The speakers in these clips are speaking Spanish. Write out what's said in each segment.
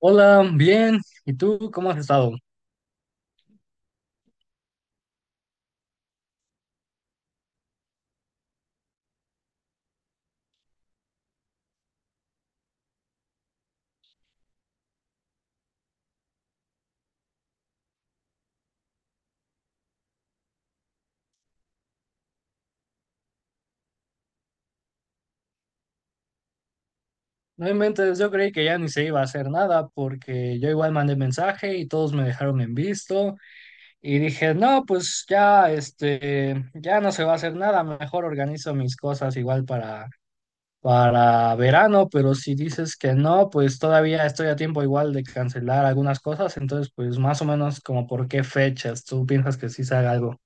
Hola, bien. ¿Y tú cómo has estado? No inventes, yo creí que ya ni se iba a hacer nada porque yo igual mandé mensaje y todos me dejaron en visto y dije, no, pues ya, ya no se va a hacer nada, mejor organizo mis cosas igual para verano, pero si dices que no, pues todavía estoy a tiempo igual de cancelar algunas cosas, entonces pues más o menos como por qué fechas tú piensas que sí se haga algo.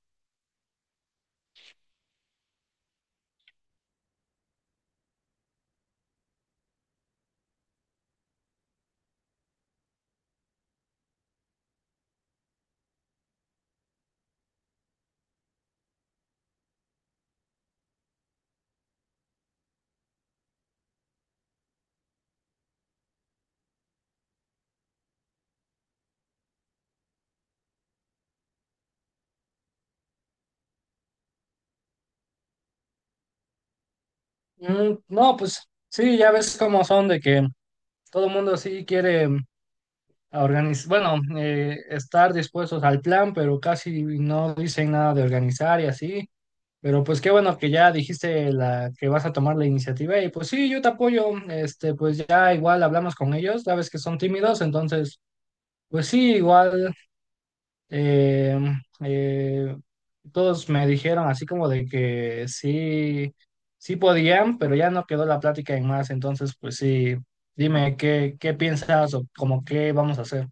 Mm, no, pues sí, ya ves cómo son de que todo el mundo sí quiere. Estar dispuestos al plan, pero casi no dicen nada de organizar y así. Pero pues qué bueno que ya dijiste la que vas a tomar la iniciativa y pues sí, yo te apoyo. Este, pues ya igual hablamos con ellos, sabes que son tímidos, entonces pues sí, igual eh, eh, todos me dijeron así como de que sí, sí podían, pero ya no quedó la plática en más. Entonces pues sí, dime qué piensas o como qué vamos a hacer.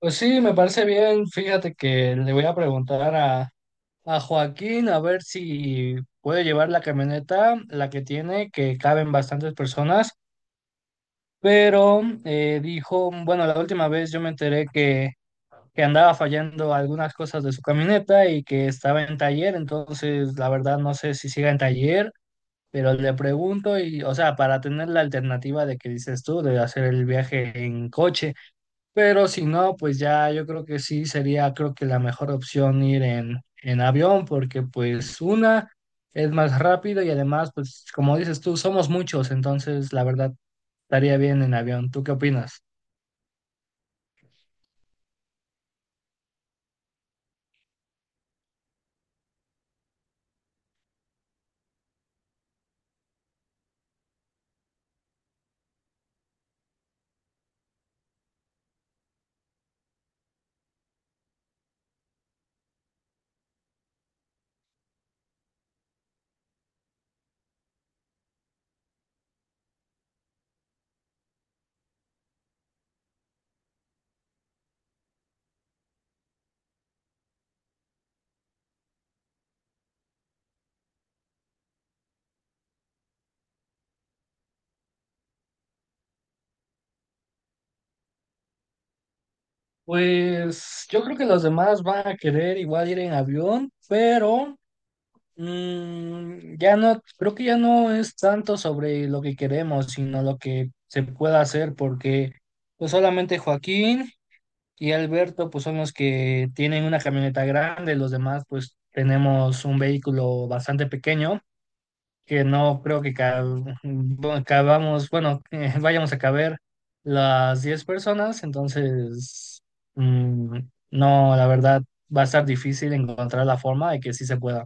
Pues sí, me parece bien. Fíjate que le voy a preguntar a Joaquín a ver si puede llevar la camioneta, la que tiene, que caben bastantes personas, pero dijo, bueno, la última vez yo me enteré que andaba fallando algunas cosas de su camioneta y que estaba en taller, entonces la verdad no sé si siga en taller, pero le pregunto y, o sea, para tener la alternativa de que dices tú, de hacer el viaje en coche. Pero si no, pues ya yo creo que sí sería, creo que la mejor opción ir en avión, porque pues una es más rápido y además, pues como dices tú, somos muchos, entonces la verdad estaría bien en avión. ¿Tú qué opinas? Pues yo creo que los demás van a querer igual ir en avión, pero mm, ya no, creo que ya no es tanto sobre lo que queremos, sino lo que se pueda hacer, porque pues solamente Joaquín. Y Alberto, pues son los que tienen una camioneta grande, los demás, pues tenemos un vehículo bastante pequeño, que no creo que vayamos a caber las 10 personas, entonces, mm, no, la verdad, va a estar difícil encontrar la forma de que sí se pueda.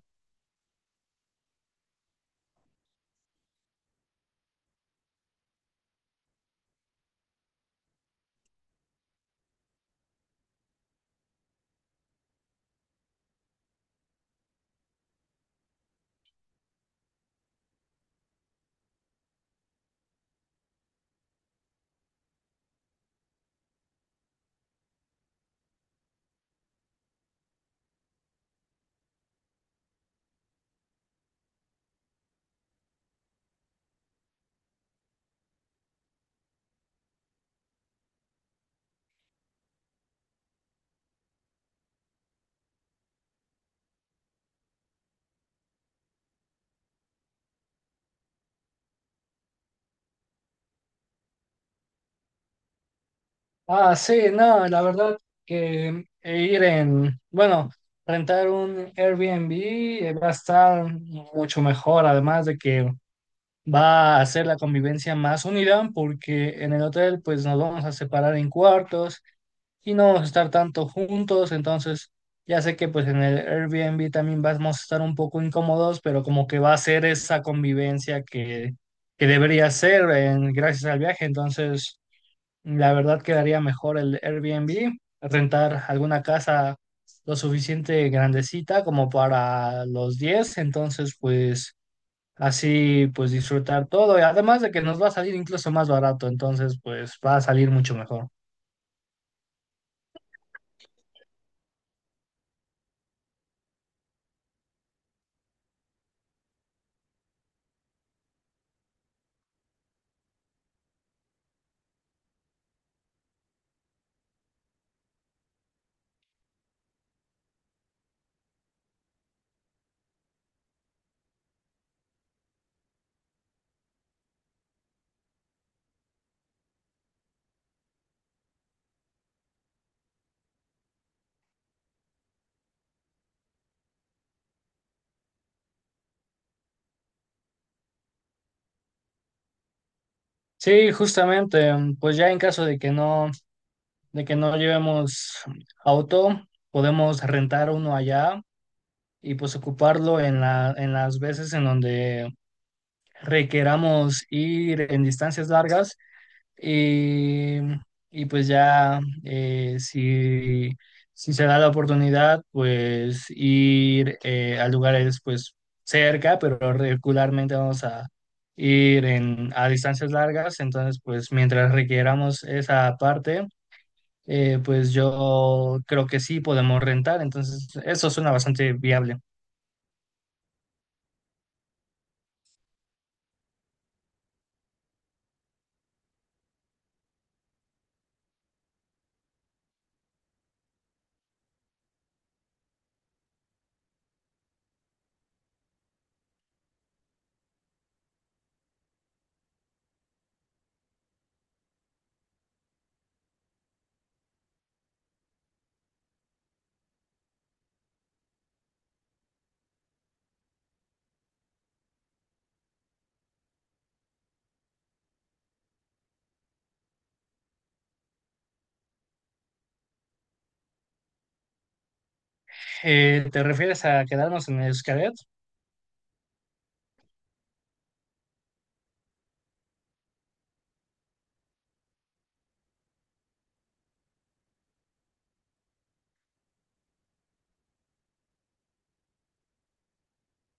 Ah, sí, no, la verdad que ir en, bueno, rentar un Airbnb va a estar mucho mejor, además de que va a hacer la convivencia más unida porque en el hotel pues nos vamos a separar en cuartos y no vamos a estar tanto juntos, entonces ya sé que pues en el Airbnb también vamos a estar un poco incómodos, pero como que va a ser esa convivencia que debería ser en- gracias al viaje, entonces la verdad quedaría mejor el Airbnb, rentar alguna casa lo suficiente grandecita como para los 10 entonces pues... Así pues disfrutar todo y además de que nos va a salir incluso más barato, entonces pues va a salir mucho mejor. Sí, justamente, mm, pues ya en caso de que no llevemos auto, podemos rentar uno allá y pues ocuparlo en en las veces en donde requeramos ir en distancias largas Y, y pues ya, si se da la oportunidad, pues ir a lugares pues cerca, pero regularmente vamos a ir a distancias largas. Entonces, pues mientras requieramos esa parte, pues yo creo que sí podemos rentar. Entonces, eso suena bastante viable. ¿Te refieres a quedarnos en Xcaret?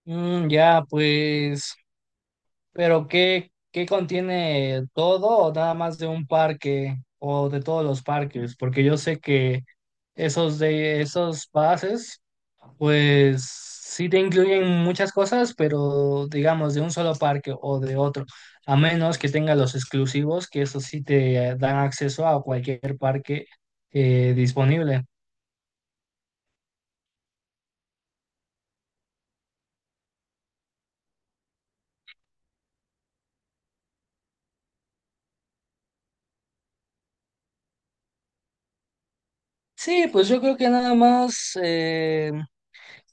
Mm, ya, pues... Pero ¿qué contiene todo o nada más de un parque o de todos los parques? Porque yo sé que esos de esos pases, pues sí te incluyen muchas cosas, pero digamos de un solo parque o de otro, a menos que tenga los exclusivos, que eso sí te dan acceso a cualquier parque disponible. Sí, pues yo creo que nada más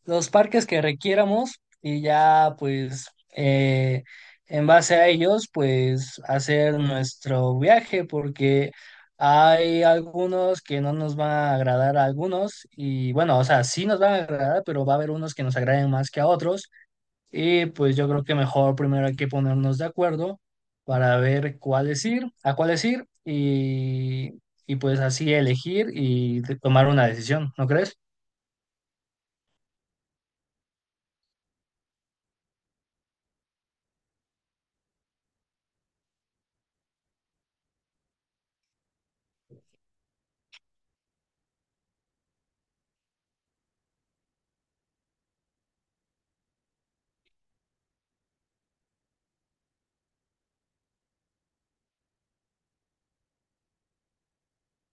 los parques que requiéramos y ya pues eh, en base a ellos pues hacer nuestro viaje porque hay algunos que no nos van a agradar a algunos y bueno, o sea, sí nos van a agradar, pero va a haber unos que nos agraden más que a otros y pues yo creo que mejor primero hay que ponernos de acuerdo para ver cuáles a cuáles y pues así elegir y tomar una decisión, ¿no crees?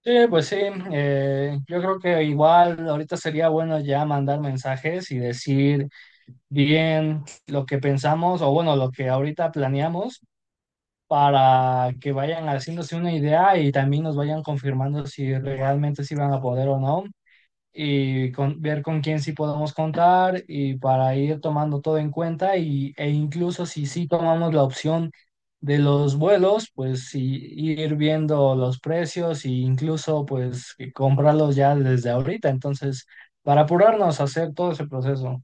Sí, pues sí, yo creo que igual ahorita sería bueno ya mandar mensajes y decir bien lo que pensamos o bueno, lo que ahorita planeamos para que vayan haciéndose una idea y también nos vayan confirmando si realmente sí van a poder o no y con- ver con quién sí podemos contar y para ir tomando todo en cuenta y, e incluso si sí tomamos la opción de los vuelos, pues sí, ir viendo los precios e incluso pues que comprarlos ya desde ahorita. Entonces, para apurarnos a hacer todo ese proceso.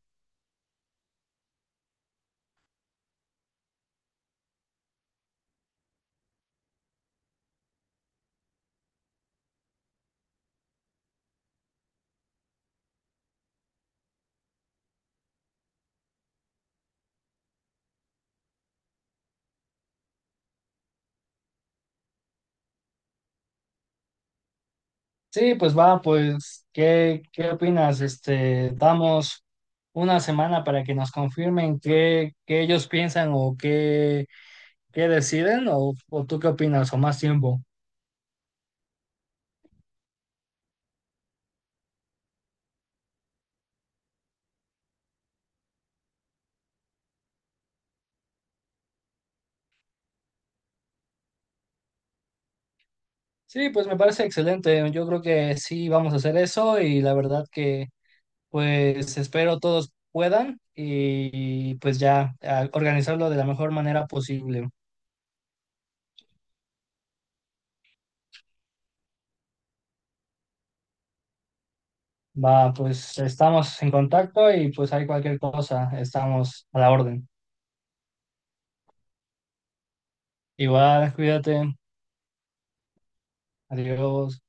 Sí, pues va, pues, ¿qué, qué opinas? Este, damos una semana para que nos confirmen qué ellos piensan o qué deciden, o tú qué opinas, o más tiempo. Sí, pues me parece excelente. Yo creo que sí vamos a hacer eso y la verdad que pues espero todos puedan y pues ya organizarlo de la mejor manera posible. Va, pues estamos en contacto y pues hay cualquier cosa, estamos a la orden. Igual, cuídate. Adiós.